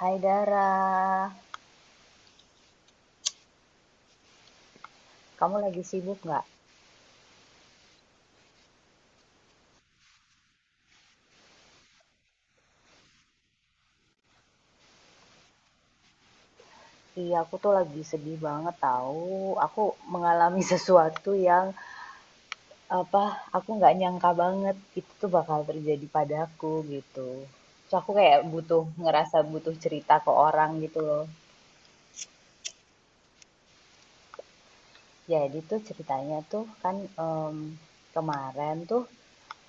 Hai Dara, kamu lagi sibuk nggak? Iya, aku tuh lagi sedih banget tahu. Aku mengalami sesuatu yang apa? Aku nggak nyangka banget itu tuh bakal terjadi padaku gitu. Terus aku kayak butuh ngerasa butuh cerita ke orang gitu loh. Jadi tuh ceritanya tuh kan kemarin tuh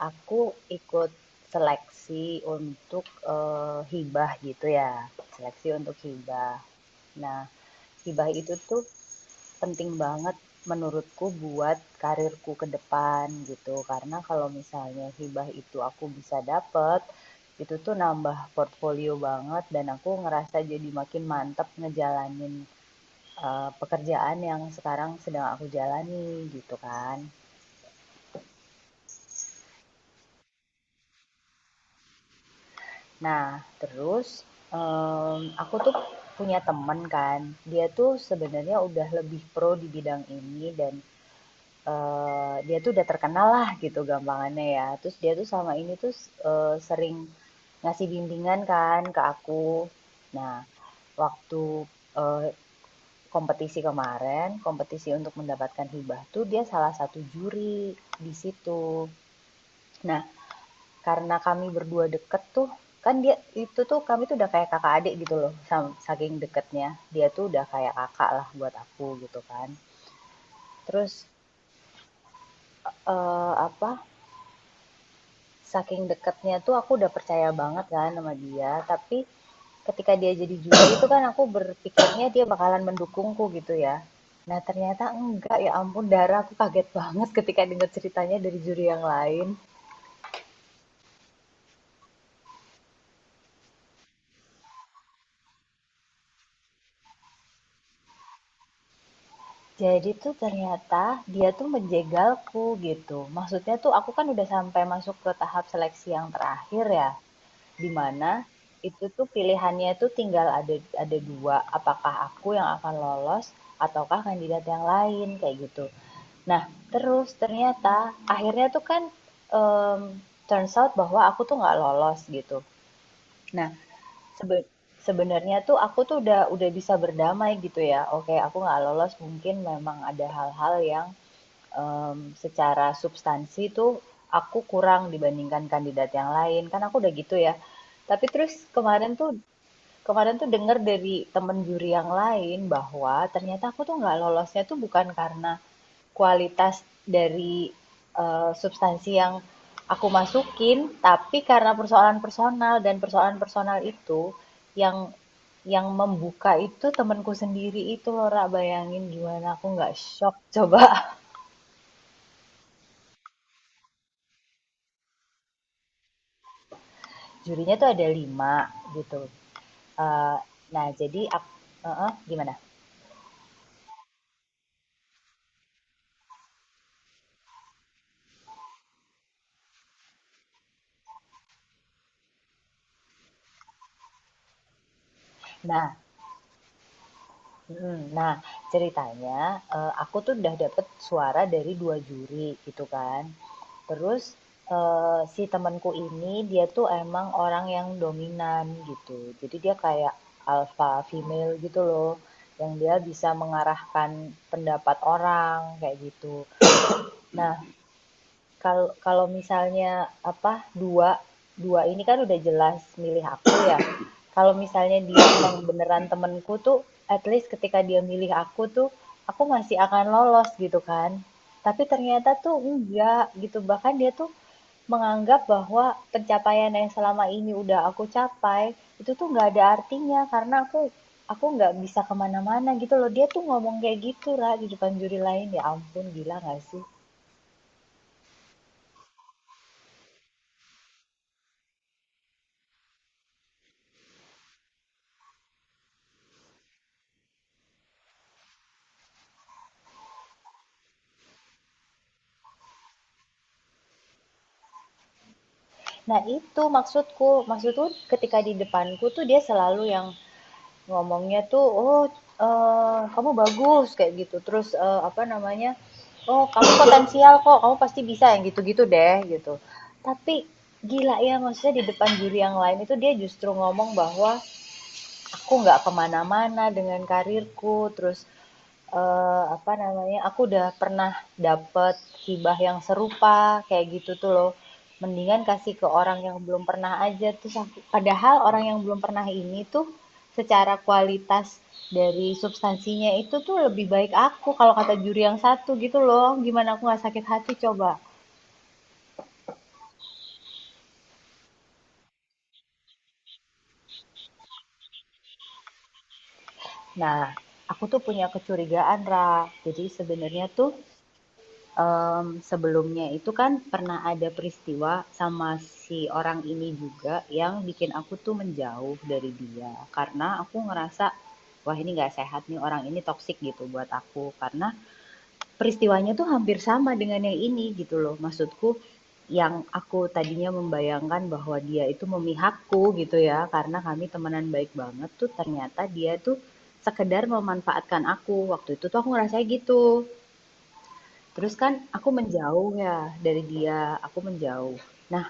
aku ikut seleksi untuk hibah gitu ya. Seleksi untuk hibah. Nah, hibah itu tuh penting banget menurutku buat karirku ke depan gitu. Karena kalau misalnya hibah itu aku bisa dapet, itu tuh nambah portfolio banget dan aku ngerasa jadi makin mantep ngejalanin, pekerjaan yang sekarang sedang aku jalani gitu kan. Nah terus, aku tuh punya temen kan, dia tuh sebenarnya udah lebih pro di bidang ini dan dia tuh udah terkenal lah gitu gampangannya ya. Terus dia tuh selama ini tuh, sering ngasih bimbingan kan ke aku. Nah, waktu, eee, kompetisi kemarin, kompetisi untuk mendapatkan hibah tuh dia salah satu juri di situ. Nah, karena kami berdua deket tuh, kan dia itu tuh kami tuh udah kayak kakak adik gitu loh, saking deketnya. Dia tuh udah kayak kakak lah buat aku gitu kan. Terus, eee, apa, saking deketnya tuh aku udah percaya banget kan sama dia, tapi ketika dia jadi juri itu kan aku berpikirnya dia bakalan mendukungku gitu ya. Nah, ternyata enggak, ya ampun Dara, aku kaget banget ketika dengar ceritanya dari juri yang lain. Jadi tuh ternyata dia tuh menjegalku gitu. Maksudnya tuh aku kan udah sampai masuk ke tahap seleksi yang terakhir ya. Dimana itu tuh pilihannya tuh tinggal ada dua, apakah aku yang akan lolos ataukah kandidat yang lain kayak gitu. Nah terus ternyata akhirnya tuh kan um, turns out bahwa aku tuh nggak lolos gitu. Nah, sebe sebenarnya tuh aku tuh udah bisa berdamai gitu ya, oke aku nggak lolos, mungkin memang ada hal-hal yang em, secara substansi tuh aku kurang dibandingkan kandidat yang lain kan, aku udah gitu ya. Tapi terus kemarin tuh dengar dari temen juri yang lain bahwa ternyata aku tuh nggak lolosnya tuh bukan karena kualitas dari substansi yang aku masukin, tapi karena persoalan personal, dan persoalan personal itu yang membuka itu temanku sendiri itu loh. Ra, bayangin gimana aku nggak shock coba? Jurinya tuh ada 5 gitu. Eh, nah jadi aku, gimana? Nah, mm, nah ceritanya aku tuh udah dapet suara dari dua juri gitu kan. Terus eh, si temanku ini dia tuh emang orang yang dominan gitu. Jadi dia kayak alpha female gitu loh, yang dia bisa mengarahkan pendapat orang kayak gitu. Nah, kalau kalau misalnya apa dua dua ini kan udah jelas milih aku ya. Kalau misalnya dia emang beneran temenku tuh, at least ketika dia milih aku tuh, aku masih akan lolos gitu kan. Tapi ternyata tuh enggak gitu. Bahkan dia tuh menganggap bahwa pencapaian yang selama ini udah aku capai itu tuh nggak ada artinya karena aku nggak bisa kemana-mana gitu loh, dia tuh ngomong kayak gitu lah di depan juri lain. Ya ampun, gila nggak sih? Nah, itu maksudku. Maksudku ketika di depanku tuh dia selalu yang ngomongnya tuh, "Oh, kamu bagus," kayak gitu. Terus eh, apa namanya? "Oh, kamu potensial kok. Kamu pasti bisa." Yang gitu-gitu deh, gitu. Tapi gila ya, maksudnya di depan juri yang lain itu dia justru ngomong bahwa aku nggak kemana-mana dengan karirku. Terus apa namanya, aku udah pernah dapet hibah yang serupa kayak gitu tuh loh. Mendingan kasih ke orang yang belum pernah aja, terus aku padahal orang yang belum pernah ini tuh secara kualitas dari substansinya itu tuh lebih baik aku kalau kata juri yang satu gitu loh. Gimana aku nggak sakit hati coba? Nah, aku tuh punya kecurigaan, Ra. Jadi sebenarnya tuh sebelumnya itu kan pernah ada peristiwa sama si orang ini juga yang bikin aku tuh menjauh dari dia, karena aku ngerasa, "Wah ini nggak sehat nih, orang ini toksik gitu buat aku." Karena peristiwanya tuh hampir sama dengan yang ini gitu loh. Maksudku, yang aku tadinya membayangkan bahwa dia itu memihakku gitu ya, karena kami temenan baik banget tuh, ternyata dia tuh sekedar memanfaatkan aku, waktu itu tuh aku ngerasa gitu. Terus kan aku menjauh ya dari dia, aku menjauh. Nah,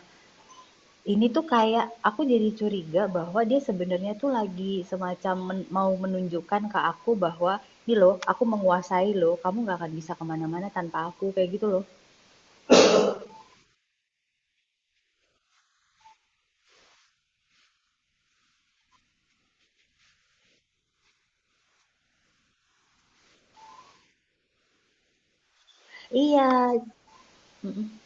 ini tuh kayak aku jadi curiga bahwa dia sebenarnya tuh lagi semacam mau menunjukkan ke aku bahwa ini loh, aku menguasai loh, kamu nggak akan bisa kemana-mana tanpa aku, kayak gitu loh. Iya, mm-mm.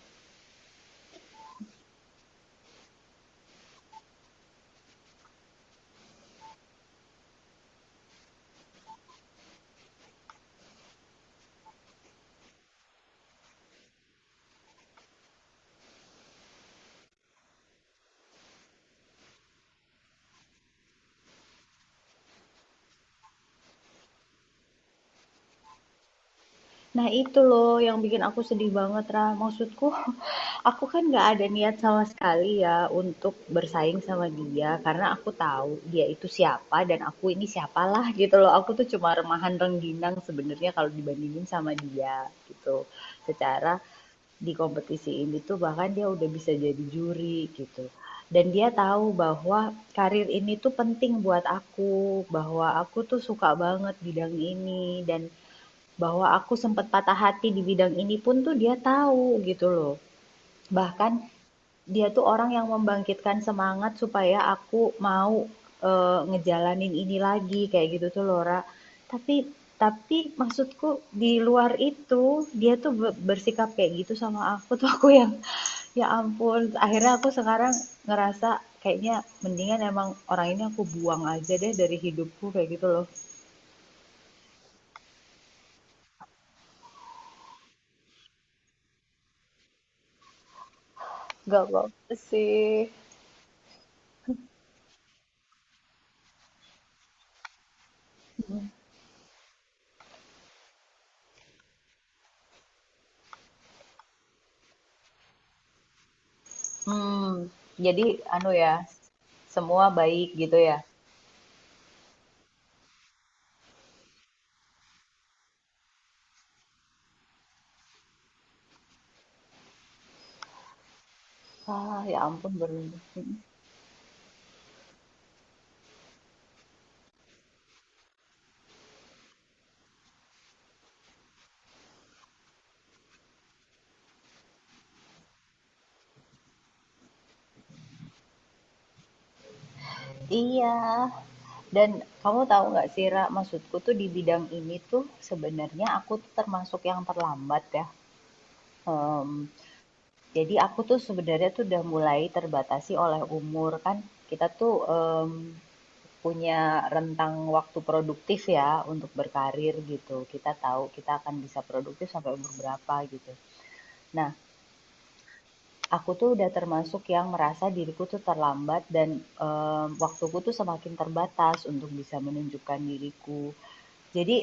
Nah itu loh yang bikin aku sedih banget, Ra. Maksudku aku kan nggak ada niat sama sekali ya untuk bersaing sama dia, karena aku tahu dia itu siapa dan aku ini siapalah gitu loh. Aku tuh cuma remahan rengginang sebenarnya kalau dibandingin sama dia gitu. Secara di kompetisi ini tuh bahkan dia udah bisa jadi juri gitu. Dan dia tahu bahwa karir ini tuh penting buat aku, bahwa aku tuh suka banget bidang ini dan bahwa aku sempat patah hati di bidang ini pun tuh dia tahu gitu loh. Bahkan dia tuh orang yang membangkitkan semangat supaya aku mau, ngejalanin ini lagi, kayak gitu tuh loh. Tapi tapi maksudku di luar itu, dia tuh bersikap kayak gitu sama aku tuh, aku yang, ya ampun, akhirnya aku sekarang ngerasa kayaknya mendingan emang orang ini aku buang aja deh dari hidupku, kayak gitu loh. Nggak apa-apa sih. Hmm, jadi anu ya, semua baik gitu ya? Ah, ya ampun beruntung, mhm. Iya, dan kamu tahu nggak sih Ra, maksudku tuh di bidang ini tuh sebenarnya aku tuh termasuk yang terlambat ya. Em, jadi aku tuh sebenarnya tuh udah mulai terbatasi oleh umur kan. Kita tuh punya rentang waktu produktif ya untuk berkarir gitu. Kita tahu kita akan bisa produktif sampai umur berapa gitu. Nah, aku tuh udah termasuk yang merasa diriku tuh terlambat dan waktuku tuh semakin terbatas untuk bisa menunjukkan diriku. Jadi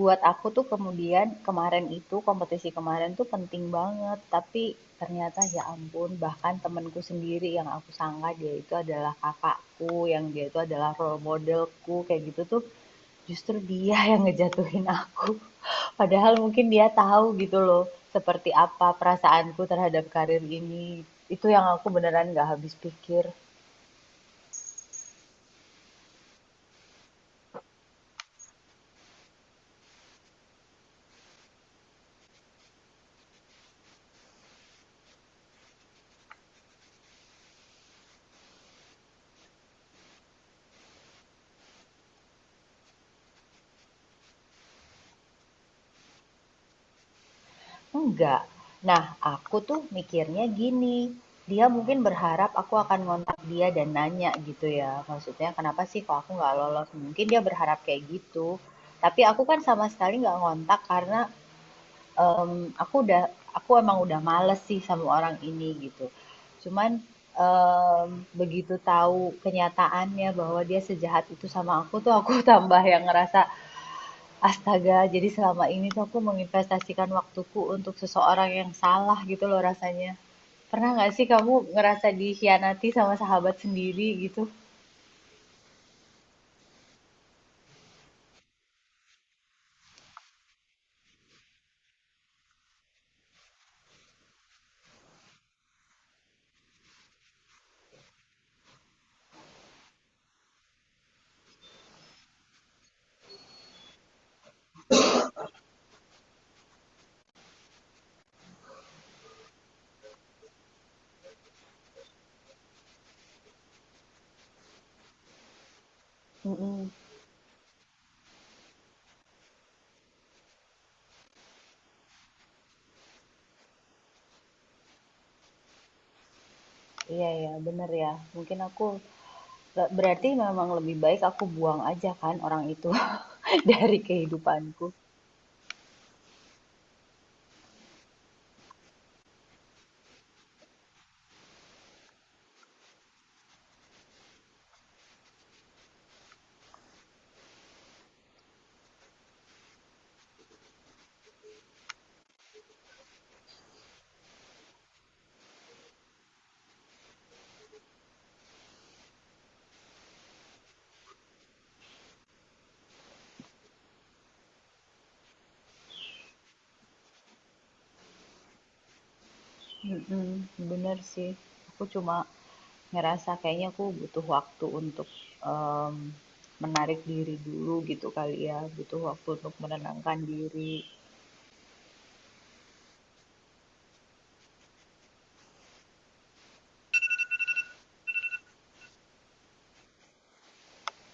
buat aku tuh kemudian kemarin itu, kompetisi kemarin tuh penting banget, tapi ternyata ya ampun, bahkan temanku sendiri yang aku sangka dia itu adalah kakakku, yang dia itu adalah role modelku, kayak gitu tuh justru dia yang ngejatuhin aku. Padahal mungkin dia tahu gitu loh, seperti apa perasaanku terhadap karir ini. Itu yang aku beneran gak habis pikir. Enggak. Nah, aku tuh mikirnya gini, dia mungkin berharap aku akan ngontak dia dan nanya gitu ya. Maksudnya kenapa sih kok aku nggak lolos? Mungkin dia berharap kayak gitu. Tapi aku kan sama sekali nggak ngontak karena em, aku udah aku emang udah males sih sama orang ini gitu. Cuman em, begitu tahu kenyataannya bahwa dia sejahat itu sama aku tuh aku tambah yang ngerasa astaga, jadi selama ini tuh aku menginvestasikan waktuku untuk seseorang yang salah gitu loh rasanya. Pernah nggak sih kamu ngerasa dikhianati sama sahabat sendiri gitu? Mhm, iya ya, bener ya. Mungkin aku berarti memang lebih baik aku buang aja kan orang itu dari kehidupanku. Mhm, bener sih. Aku cuma ngerasa kayaknya aku butuh waktu untuk, mmm, menarik diri dulu gitu kali ya, butuh waktu untuk menenangkan diri.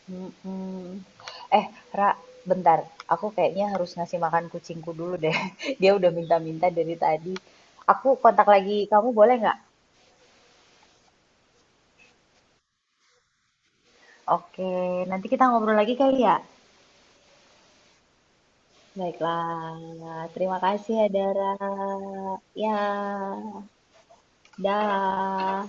Mhm. Eh, Ra, bentar. Aku kayaknya harus ngasih makan kucingku dulu deh. Dia udah minta-minta dari tadi. Aku kontak lagi kamu boleh nggak? Oke, nanti kita ngobrol lagi kali ya. Baiklah, terima kasih ya Dara. Ya, dah.